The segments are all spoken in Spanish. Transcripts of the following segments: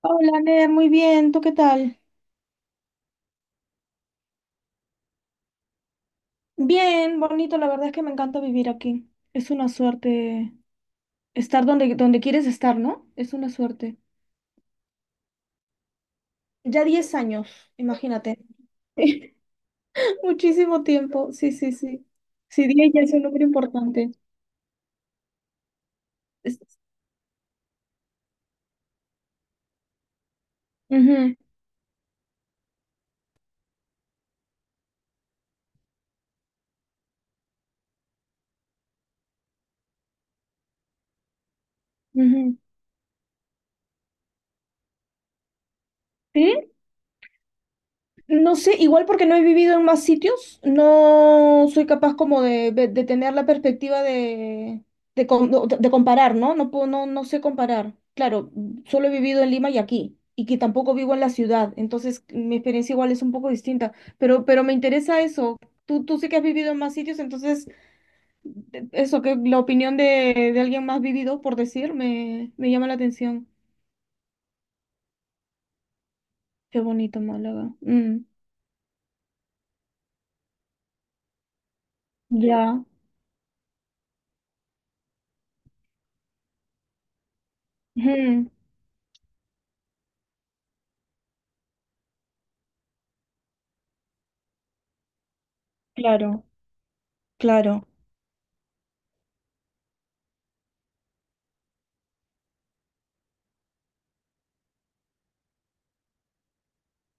Hola, Ner, muy bien. ¿Tú qué tal? Bien, bonito. La verdad es que me encanta vivir aquí. Es una suerte estar donde quieres estar, ¿no? Es una suerte. Ya 10 años, imagínate. Muchísimo tiempo. Sí, sí, sí. Sí, 10 ya es un número importante. Es- Ujú, ujú. ¿Sí? No sé, igual porque no he vivido en más sitios, no soy capaz como de tener la perspectiva de comparar, ¿no? No puedo, no, no sé comparar. Claro, solo he vivido en Lima y aquí, y que tampoco vivo en la ciudad, entonces mi experiencia igual es un poco distinta, pero me interesa eso. Tú sí que has vivido en más sitios, entonces eso que la opinión de alguien más vivido, por decir, me llama la atención. Qué bonito Málaga. Mm, ya. Ujú, claro, claro.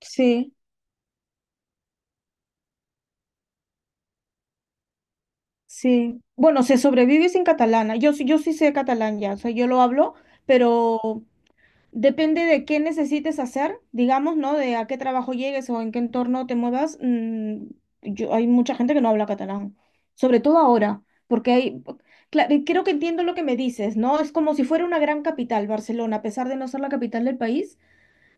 Sí, sí. Bueno, se sobrevive sin catalana. Yo, yo sí sé catalán ya, o sea, yo lo hablo, pero depende de qué necesites hacer, digamos, ¿no? De a qué trabajo llegues o en qué entorno te muevas. Yo, hay mucha gente que no habla catalán, sobre todo ahora, porque hay, claro, creo que entiendo lo que me dices, ¿no? Es como si fuera una gran capital, Barcelona, a pesar de no ser la capital del país.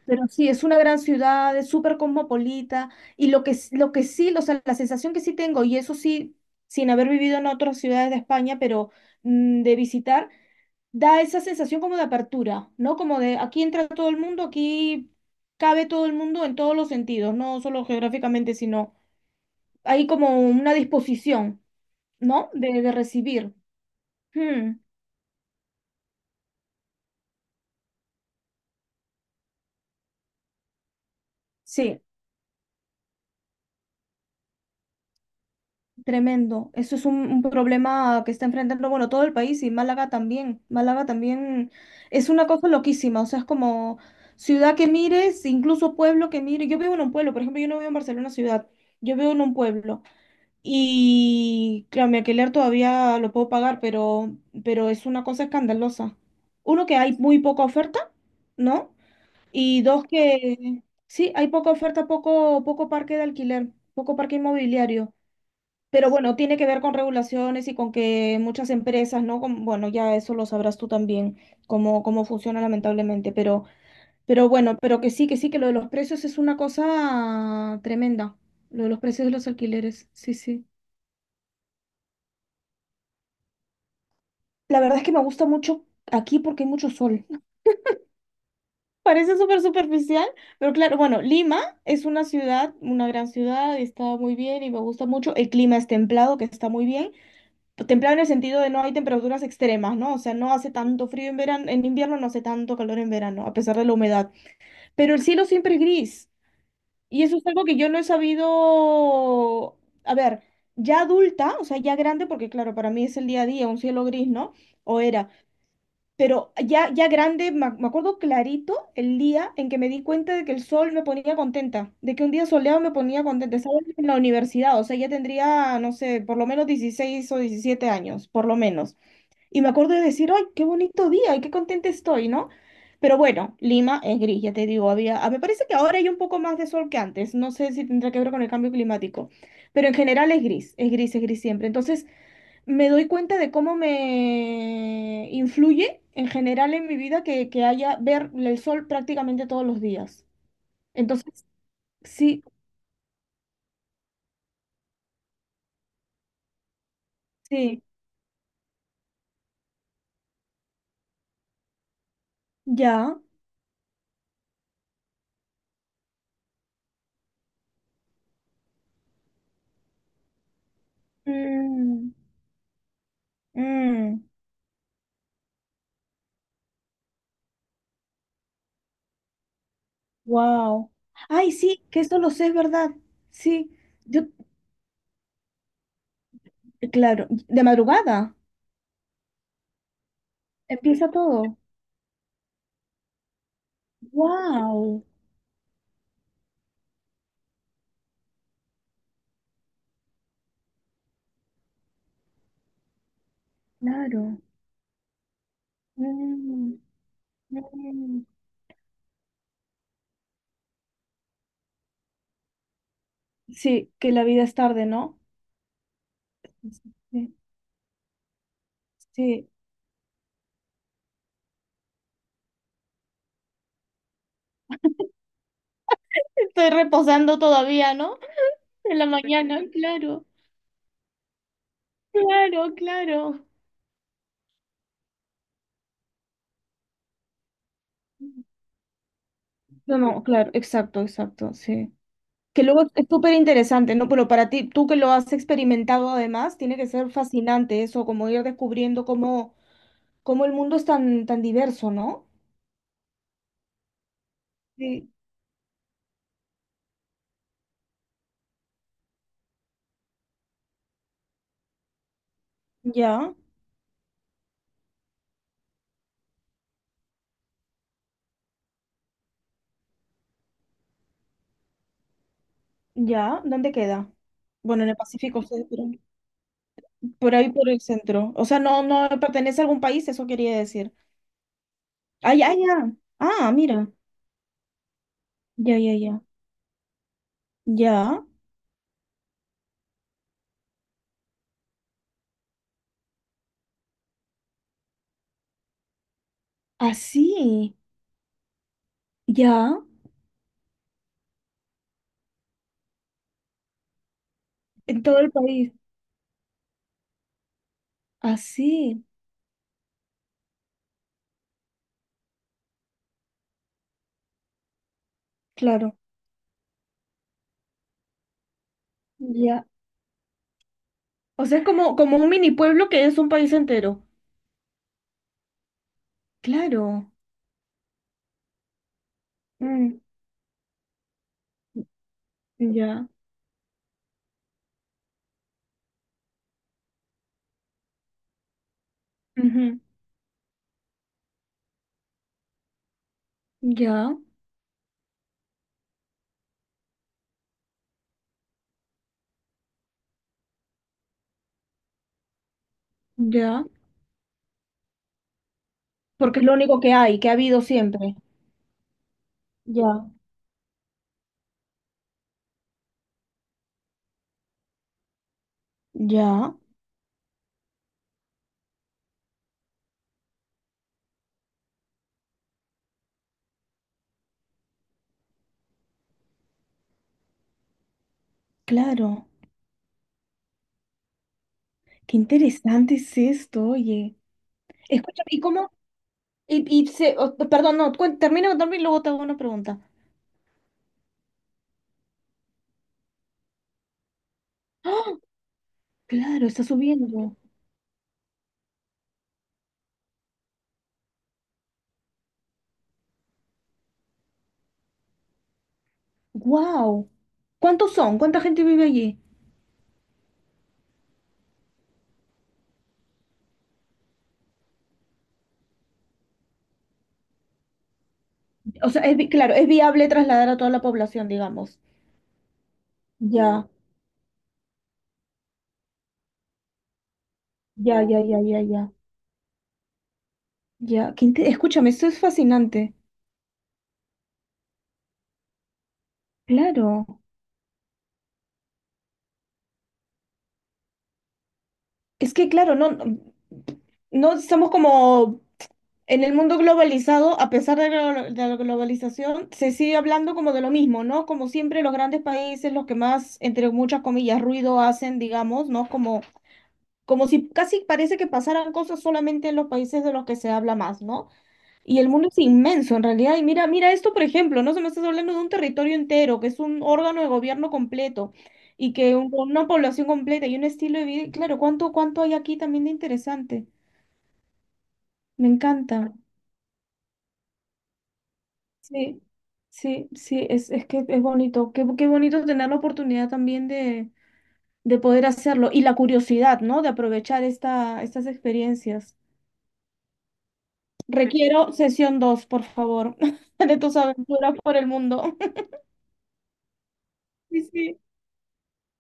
Pero sí, es una gran ciudad, es súper cosmopolita y lo que, lo que sí, o sea, la sensación que sí tengo, y eso sí, sin haber vivido en otras ciudades de España, pero de visitar, da esa sensación como de apertura, ¿no? Como de aquí entra todo el mundo, aquí cabe todo el mundo en todos los sentidos, no solo geográficamente, sino hay como una disposición, ¿no? De recibir. Hmm, sí. Tremendo. Eso es un problema que está enfrentando, bueno, todo el país y Málaga también. Málaga también es una cosa loquísima, o sea, es como ciudad que mires, incluso pueblo que mires. Yo vivo en un pueblo, por ejemplo, yo no vivo en Barcelona ciudad, yo vivo en un pueblo. Y claro, mi alquiler todavía lo puedo pagar, pero es una cosa escandalosa. Uno, que hay muy poca oferta, ¿no? Y dos, que sí, hay poca oferta, poco parque de alquiler, poco parque inmobiliario. Pero bueno, tiene que ver con regulaciones y con que muchas empresas, ¿no? Bueno, ya eso lo sabrás tú también, cómo funciona lamentablemente, pero bueno, pero que sí, que sí, que lo de los precios es una cosa tremenda, lo de los precios de los alquileres, sí, sí. La verdad es que me gusta mucho aquí porque hay mucho sol. Parece súper superficial, pero claro, bueno, Lima es una ciudad, una gran ciudad, y está muy bien y me gusta mucho. El clima es templado, que está muy bien. Templado en el sentido de no hay temperaturas extremas, ¿no? O sea, no hace tanto frío en verano, en invierno no hace tanto calor en verano, a pesar de la humedad. Pero el cielo siempre es gris. Y eso es algo que yo no he sabido, a ver, ya adulta, o sea, ya grande, porque claro, para mí es el día a día, un cielo gris, ¿no? O era. Pero ya, ya grande, me acuerdo clarito el día en que me di cuenta de que el sol me ponía contenta, de que un día soleado me ponía contenta, ¿sabes? En la universidad, o sea, ya tendría, no sé, por lo menos 16 o 17 años, por lo menos. Y me acuerdo de decir, ¡ay, qué bonito día! ¡Y qué contenta estoy! ¿No? Pero bueno, Lima es gris, ya te digo, había, ah, me parece que ahora hay un poco más de sol que antes, no sé si tendrá que ver con el cambio climático, pero en general es gris, es gris, es gris siempre. Entonces me doy cuenta de cómo me influye en general en mi vida que haya ver el sol prácticamente todos los días. Entonces, sí, sí, ya. Mm, mm, wow. Ay, sí, que eso lo sé, es verdad. Sí. Yo, claro, de madrugada empieza todo. ¡Wow! Claro. Mm, mm. Sí, que la vida es tarde, ¿no? Sí, sí. Estoy reposando todavía, ¿no? En la mañana, claro, claro, claro. No, no, claro, exacto, exacto, sí. Que luego es súper interesante, ¿no? Pero para ti, tú que lo has experimentado además, tiene que ser fascinante eso, como ir descubriendo cómo, cómo el mundo es tan, tan diverso, ¿no? Sí. Ya. Ya, ¿dónde queda? Bueno, en el Pacífico Centro, por ahí por el centro. O sea, no, no pertenece a algún país, eso quería decir. Ah, ya, ya. Ah, mira. Ya, ya, ya. Ya. Así. Ya. En todo el país. Así. Claro. Ya. O sea, es como, como un mini pueblo que es un país entero. Claro. Mm, ya. Ujú. Ya. Ya. Porque es lo único que hay, que ha habido siempre. Ya. Ya. Claro. Qué interesante es esto, oye. Escúchame, ¿y cómo? Oh, perdón, no, termina de contarme y luego te hago una pregunta. ¡Ah! Claro, está subiendo. ¡Wow! ¿Cuántos son? ¿Cuánta gente vive allí? O sea, es, claro, es viable trasladar a toda la población, digamos. Ya, ya, ya, ya, ya, ya. Ya, escúchame, esto es fascinante. Claro. Es que, claro, no estamos como en el mundo globalizado, a pesar de de la globalización, se sigue hablando como de lo mismo, ¿no? Como siempre, los grandes países, los que más, entre muchas comillas, ruido hacen, digamos, ¿no? Como, como si casi parece que pasaran cosas solamente en los países de los que se habla más, ¿no? Y el mundo es inmenso, en realidad. Y mira, mira esto, por ejemplo, ¿no? Se me estás hablando de un territorio entero, que es un órgano de gobierno completo y que una población completa y un estilo de vida. Y claro, ¿cuánto, cuánto hay aquí también de interesante? Me encanta. Sí, sí, sí, es que es bonito. Qué, qué bonito tener la oportunidad también de poder hacerlo y la curiosidad, ¿no? De aprovechar esta, estas experiencias. Requiero sesión 2, por favor, de tus aventuras por el mundo. Sí, sí,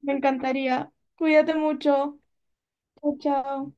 me encantaría. Cuídate mucho. Chao, chao.